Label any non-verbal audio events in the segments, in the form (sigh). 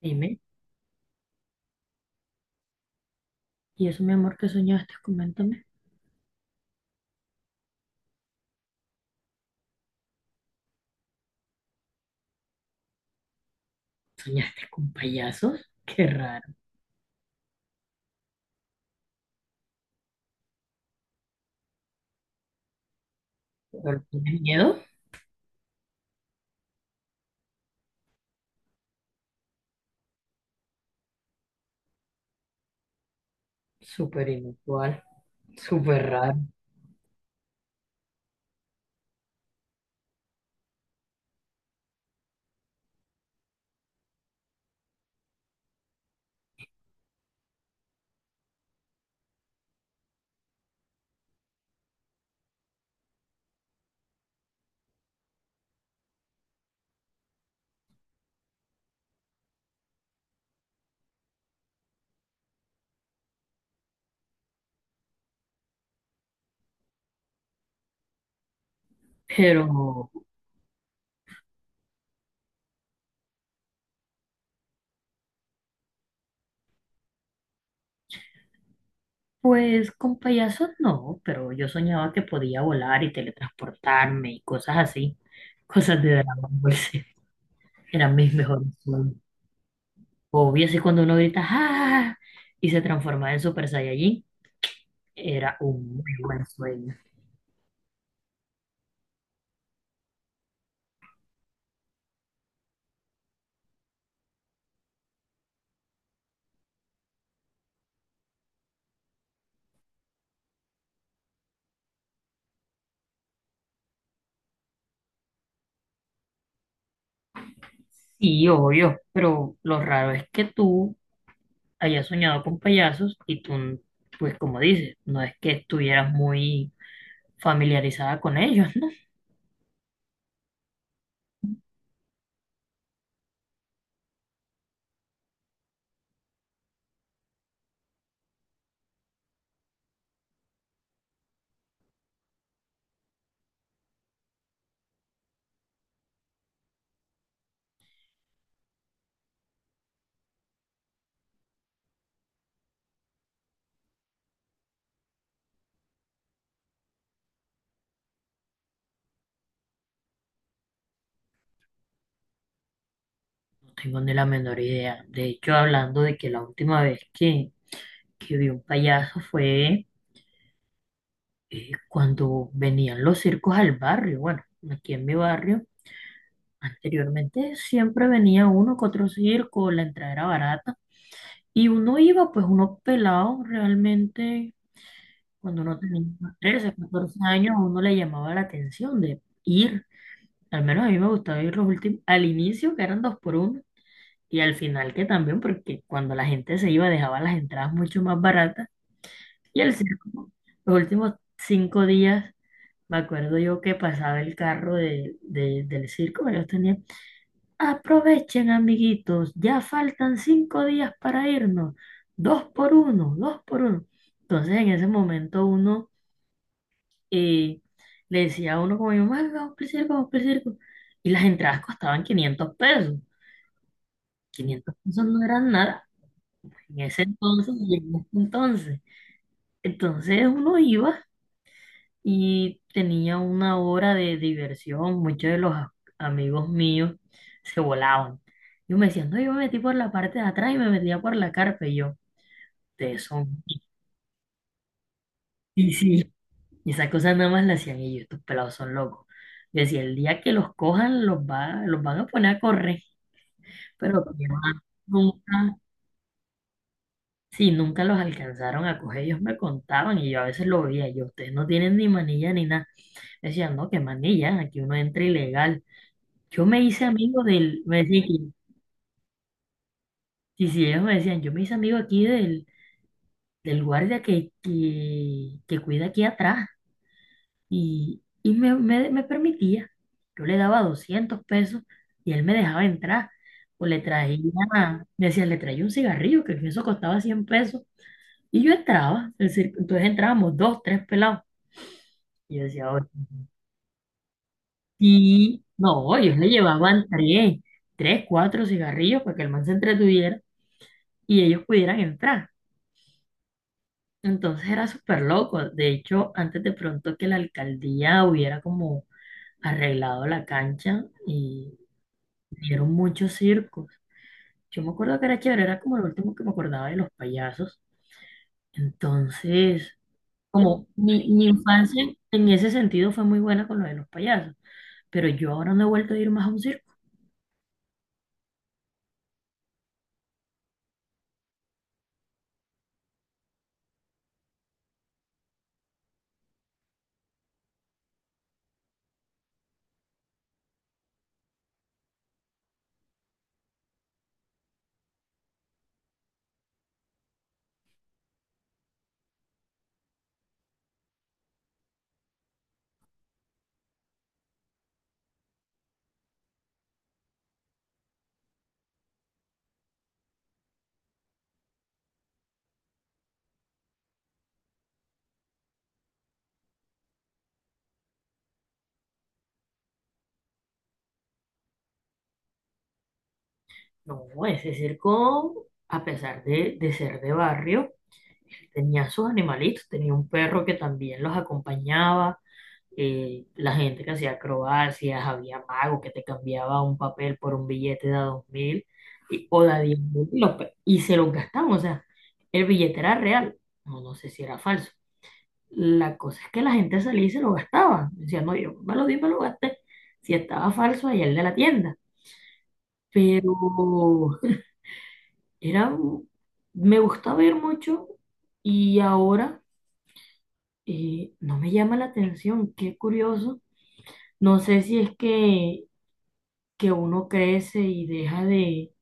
Dime, ¿y eso, mi amor, que soñaste? Coméntame. ¿Soñaste con payasos? Qué raro. ¿Pero tienes miedo? Súper inusual, súper raro. Pero, pues con payasos no, pero yo soñaba que podía volar y teletransportarme y cosas así. Cosas de Dragon Ball Z. Eran mis mejores sueños. Obvio, así cuando uno grita ¡Ah! Y se transforma en Super Saiyajin, era un muy buen sueño. Sí, obvio, pero lo raro es que tú hayas soñado con payasos y tú, pues como dices, no es que estuvieras muy familiarizada con ellos, ¿no? No tengo ni la menor idea. De hecho, hablando de que la última vez que vi un payaso fue cuando venían los circos al barrio. Bueno, aquí en mi barrio, anteriormente siempre venía uno que otro circo, la entrada era barata. Y uno iba, pues uno pelado realmente, cuando uno tenía 13 14 años, a uno le llamaba la atención de ir. Al menos a mí me gustaba ir los últimos, al inicio que eran dos por uno y al final que también, porque cuando la gente se iba dejaba las entradas mucho más baratas. Y el circo, los últimos 5 días, me acuerdo yo que pasaba el carro del circo, ellos tenían, aprovechen amiguitos, ya faltan 5 días para irnos, dos por uno, dos por uno. Entonces en ese momento uno eh, le decía a uno como mi mamá, vamos para el circo, vamos para el circo. Y las entradas costaban 500 pesos. 500 pesos no eran nada en ese entonces y en este entonces. Entonces uno iba y tenía una hora de diversión. Muchos de los amigos míos se volaban. Yo me decía, no, yo me metí por la parte de atrás y me metía por la carpa. Y yo, ustedes son. Y sí, esas cosas nada más las hacían ellos, estos pelados son locos. Yo decía, el día que los cojan, los, va, los van a poner a correr. Pero que va, nunca. Sí, nunca los alcanzaron a coger, ellos me contaban y yo a veces lo veía, yo, ustedes no tienen ni manilla ni nada. Me decían, no, qué manilla, aquí uno entra ilegal. Yo me hice amigo del, me decían, sí, sí, ellos me decían, yo me hice amigo aquí del guardia que cuida aquí atrás y me permitía. Yo le daba 200 pesos y él me dejaba entrar. O le traía, me decía, le traía un cigarrillo, que eso costaba 100 pesos. Y yo entraba, es decir, entonces entrábamos dos, tres pelados. Y yo decía, "Oye, sí, no, ellos le llevaban tres, cuatro cigarrillos para que el man se entretuviera y ellos pudieran entrar. Entonces era súper loco. De hecho, antes de pronto que la alcaldía hubiera como arreglado la cancha y dieron muchos circos. Yo me acuerdo que era chévere, era como lo último que me acordaba de los payasos. Entonces, como mi infancia en ese sentido fue muy buena con lo de los payasos, pero yo ahora no he vuelto a ir más a un circo. No, ese circo, a pesar de ser de barrio, tenía sus animalitos, tenía un perro que también los acompañaba, la gente que hacía acrobacias, había mago que te cambiaba un papel por un billete de a 2000 y, o de a 10.000 y, los y se los gastaban, o sea, el billete era real, no, no sé si era falso. La cosa es que la gente salía y se lo gastaba, decía, no, yo me lo di, me lo gasté, si estaba falso, allá el de la tienda. Pero era, me gusta ver mucho y ahora, no me llama la atención, qué curioso. No sé si es que uno crece y deja de,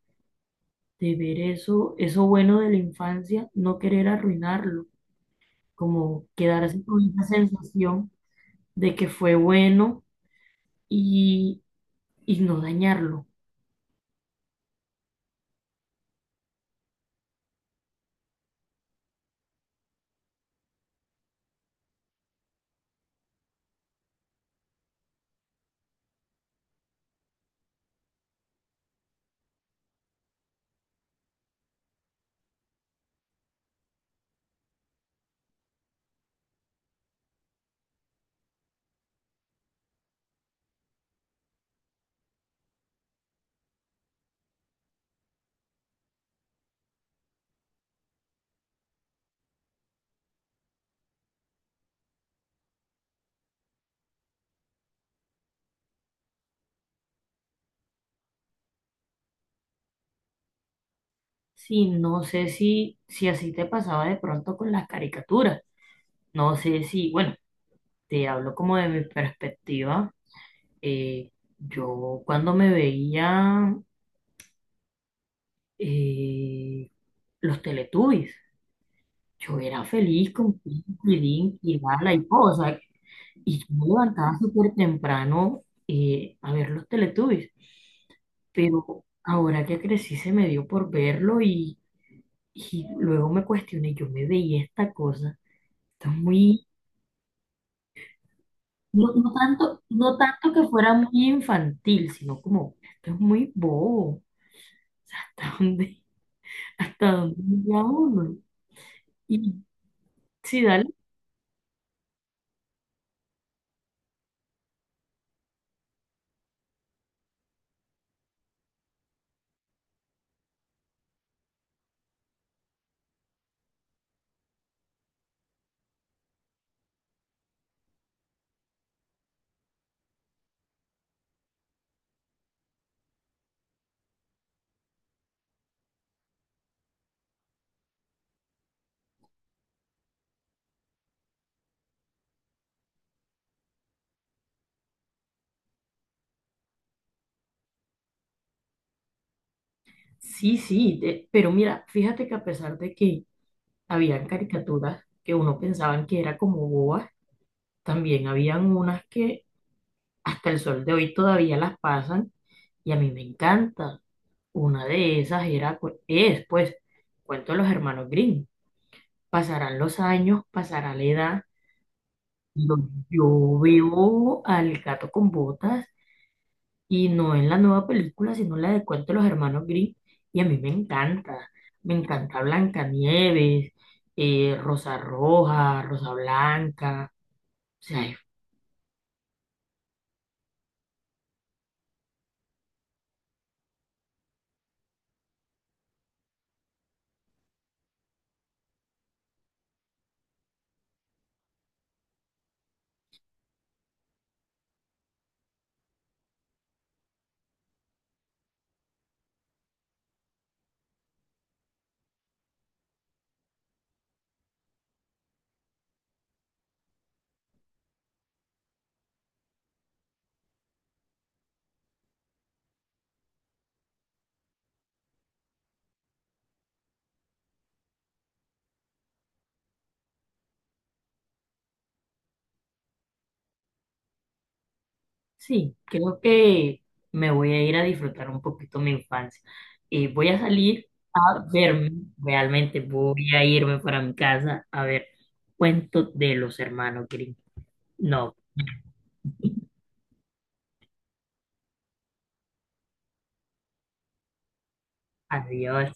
de ver eso, eso bueno de la infancia, no querer arruinarlo, como quedarse con esa sensación de que fue bueno y, y no dañarlo. Sí, no sé si, si así te pasaba de pronto con las caricaturas. No sé si, bueno, te hablo como de mi perspectiva. Eh, yo cuando me veía eh, los Teletubbies, yo era feliz con Pinky, Dinky, Lala y todo, o sea, y yo me levantaba súper temprano a ver los Teletubbies, pero ahora que crecí se me dio por verlo y luego me cuestioné, yo me veía esta cosa, esto es muy, no, no tanto, no tanto que fuera muy infantil, sino como, esto es muy bobo, o sea, ¿hasta (laughs) dónde? Hasta dónde llega uno. Y sí, dale, sí, sí, pero mira, fíjate que a pesar de que habían caricaturas que uno pensaban que era como bobas, también habían unas que hasta el sol de hoy todavía las pasan y a mí me encanta. Una de esas era, es, pues, Cuento de los Hermanos Grimm. Pasarán los años, pasará la edad. Pero yo veo al gato con botas. Y no en la nueva película, sino la de Cuento de los Hermanos Grimm. Y a mí me encanta. Me encanta Blancanieves, Rosa Roja, Rosa Blanca. O sea, sí, creo que me voy a ir a disfrutar un poquito mi infancia. Voy a salir a verme, realmente voy a irme para mi casa a ver Cuentos de los Hermanos Grimm. No, adiós.